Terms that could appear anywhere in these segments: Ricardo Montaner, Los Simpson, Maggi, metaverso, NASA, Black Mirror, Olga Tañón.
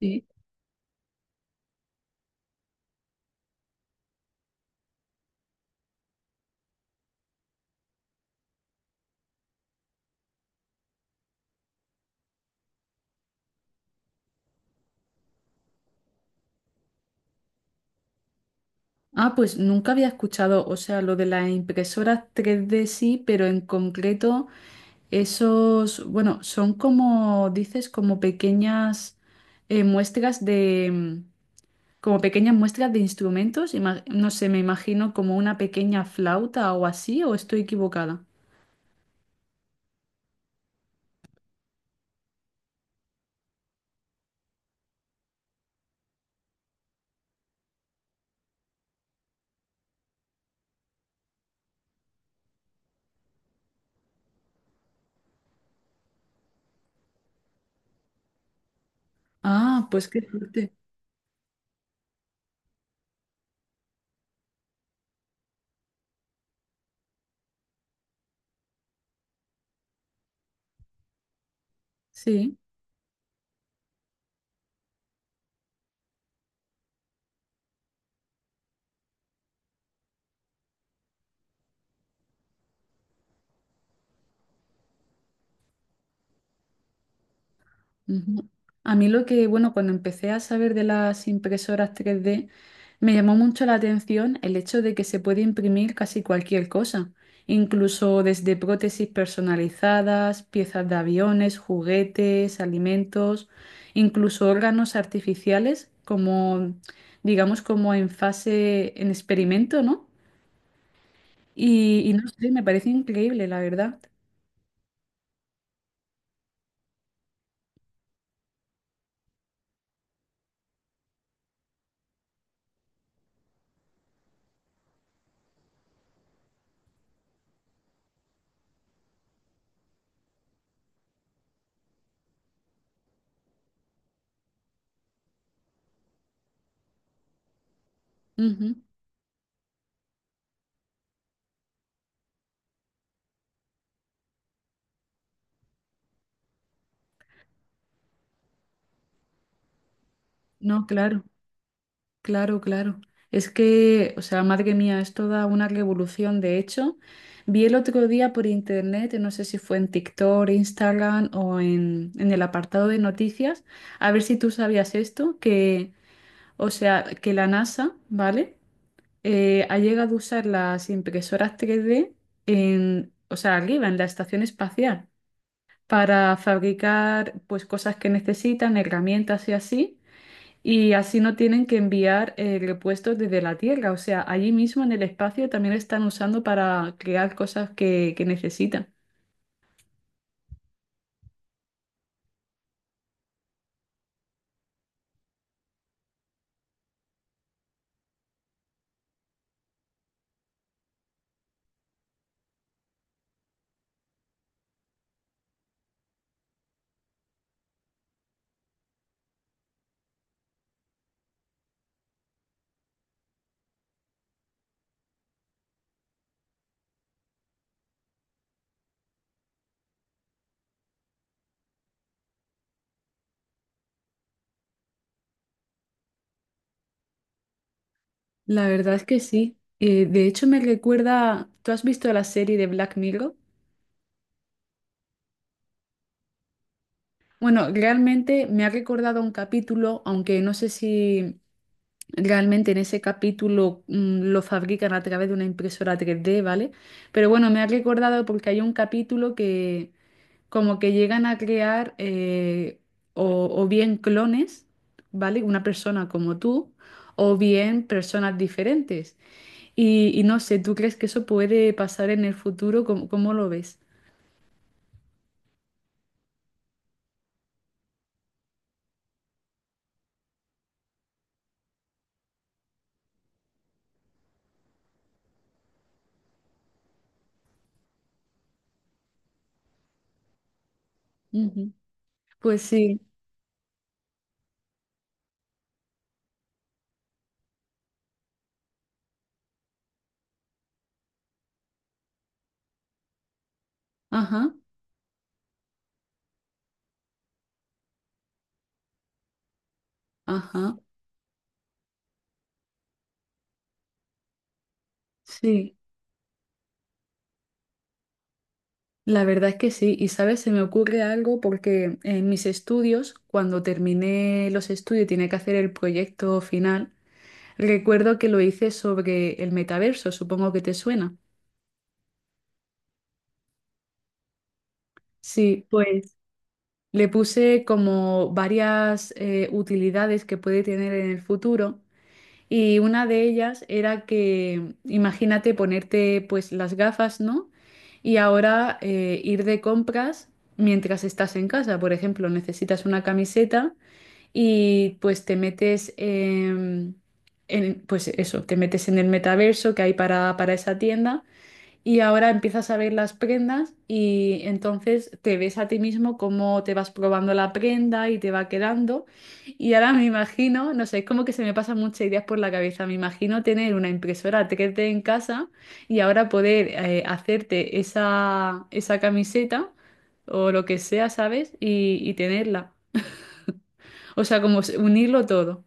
Sí. Ah, pues nunca había escuchado, o sea, lo de las impresoras tres d sí, pero en concreto esos, bueno, son como, dices, como pequeñas muestras de, como pequeñas muestras de instrumentos, no sé, me imagino como una pequeña flauta o así, ¿o estoy equivocada? Ah, pues qué fuerte. Sí. Ujú. A mí lo que, bueno, cuando empecé a saber de las impresoras tres d me llamó mucho la atención el hecho de que se puede imprimir casi cualquier cosa, incluso desde prótesis personalizadas, piezas de aviones, juguetes, alimentos, incluso órganos artificiales, como, digamos, como en fase, en experimento, ¿no? Y no sé, me parece increíble, la verdad. Ujú. No, claro. Claro, claro. Es que, o sea, madre mía, es toda una revolución. De hecho, vi el otro día por internet, no sé si fue en TikTok, Instagram o en el apartado de noticias, a ver si tú sabías esto, que, o sea, que la NASA, ¿vale? Ha llegado a usar las impresoras 3D en, o sea, arriba, en la estación espacial, para fabricar, pues, cosas que necesitan, herramientas y así. Y así no tienen que enviar repuestos desde la Tierra. O sea, allí mismo en el espacio también están usando para crear cosas que necesitan. La verdad es que sí. De hecho, me recuerda, ¿tú has visto la serie de Black Mirror? Bueno, realmente me ha recordado a un capítulo, aunque no sé si. Realmente en ese capítulo lo fabrican a través de una impresora tres d, ¿vale? Pero bueno, me ha recordado porque hay un capítulo que como que llegan a crear o bien clones, ¿vale? Una persona como tú, o bien personas diferentes. Y no sé, ¿tú crees que eso puede pasar en el futuro? ¿Cómo, cómo lo ves? Ujú. Pues sí, ajá, ajá, sí. La verdad es que sí, y sabes, se me ocurre algo porque en mis estudios, cuando terminé los estudios y tenía que hacer el proyecto final, recuerdo que lo hice sobre el metaverso, supongo que te suena. Sí, pues le puse como varias utilidades que puede tener en el futuro y una de ellas era que, imagínate ponerte pues las gafas, ¿no? Y ahora ir de compras mientras estás en casa, por ejemplo, necesitas una camiseta. Y pues te metes en, pues eso, te metes en el metaverso que hay para esa tienda y ahora empiezas a ver las prendas y entonces te ves a ti mismo cómo te vas probando la prenda y te va quedando. Y ahora me imagino, no sé, es como que se me pasan muchas ideas por la cabeza. Me imagino tener una impresora 3D en casa y ahora poder hacerte esa, esa camiseta o lo que sea, ¿sabes? Y tenerla. O sea, como unirlo todo.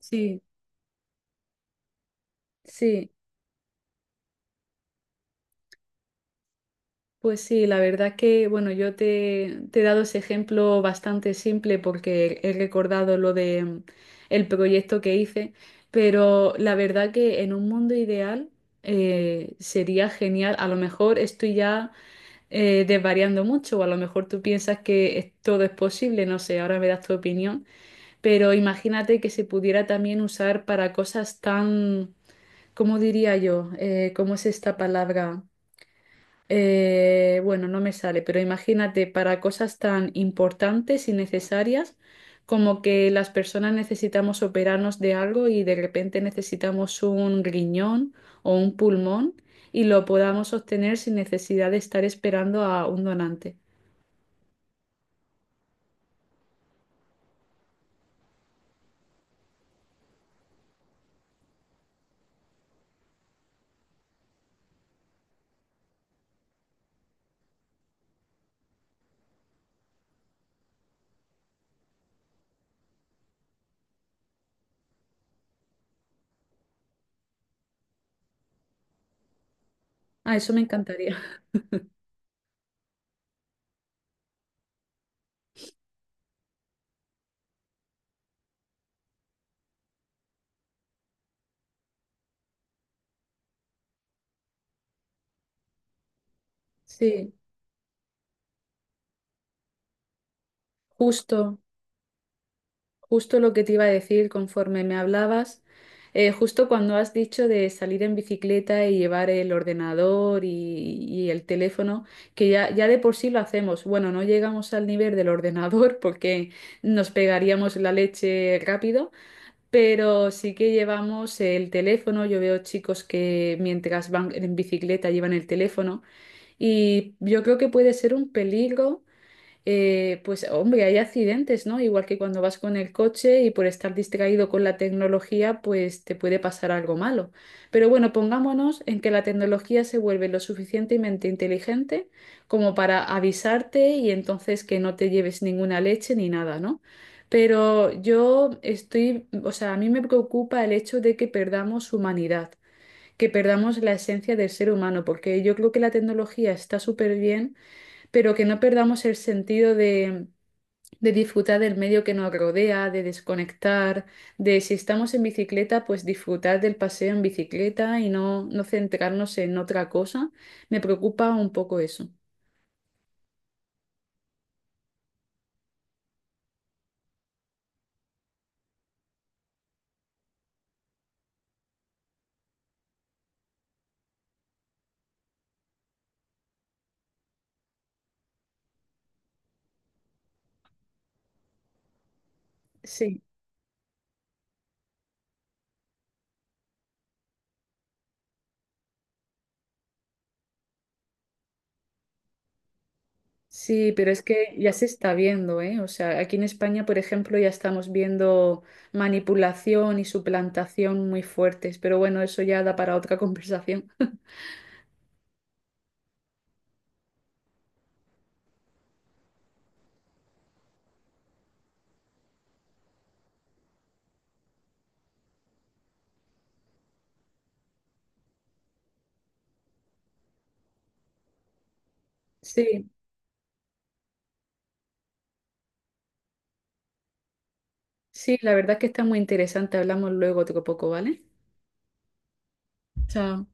Sí, sí, pues sí, la verdad que, bueno, yo te he dado ese ejemplo bastante simple porque he recordado lo de el proyecto que hice, pero la verdad que en un mundo ideal sería genial. A lo mejor estoy ya desvariando mucho, o a lo mejor tú piensas que todo es posible, no sé, ahora me das tu opinión, pero imagínate que se pudiera también usar para cosas tan, ¿cómo diría yo? ¿Cómo es esta palabra? Bueno, no me sale, pero imagínate para cosas tan importantes y necesarias como que las personas necesitamos operarnos de algo y de repente necesitamos un riñón o un pulmón y lo podamos obtener sin necesidad de estar esperando a un donante. Ah, eso me encantaría. Sí, justo. Justo lo que te iba a decir conforme me hablabas, justo cuando has dicho de salir en bicicleta y llevar el ordenador y el teléfono, que ya, ya de por sí lo hacemos. Bueno, no llegamos al nivel del ordenador porque nos pegaríamos la leche rápido, pero sí que llevamos el teléfono. Yo veo chicos que mientras van en bicicleta llevan el teléfono y yo creo que puede ser un peligro. Pues hombre, hay accidentes, ¿no? Igual que cuando vas con el coche y por estar distraído con la tecnología, pues te puede pasar algo malo. Pero bueno, pongámonos en que la tecnología se vuelve lo suficientemente inteligente como para avisarte y entonces que no te lleves ninguna leche ni nada, ¿no? Pero yo estoy, o sea, a mí me preocupa el hecho de que perdamos humanidad, que perdamos la esencia del ser humano, porque yo creo que la tecnología está súper bien pero que no perdamos el sentido de disfrutar del medio que nos rodea, de desconectar, de si estamos en bicicleta, pues disfrutar del paseo en bicicleta y no, no centrarnos en otra cosa. Me preocupa un poco eso. Sí, sí, pero es que ya se está viendo, ¿eh? O sea, aquí en España, por ejemplo, ya estamos viendo manipulación y suplantación muy fuertes, pero bueno, eso ya da para otra conversación. Sí, sí, la verdad que está muy interesante. Hablamos luego otro poco, ¿vale? Chao.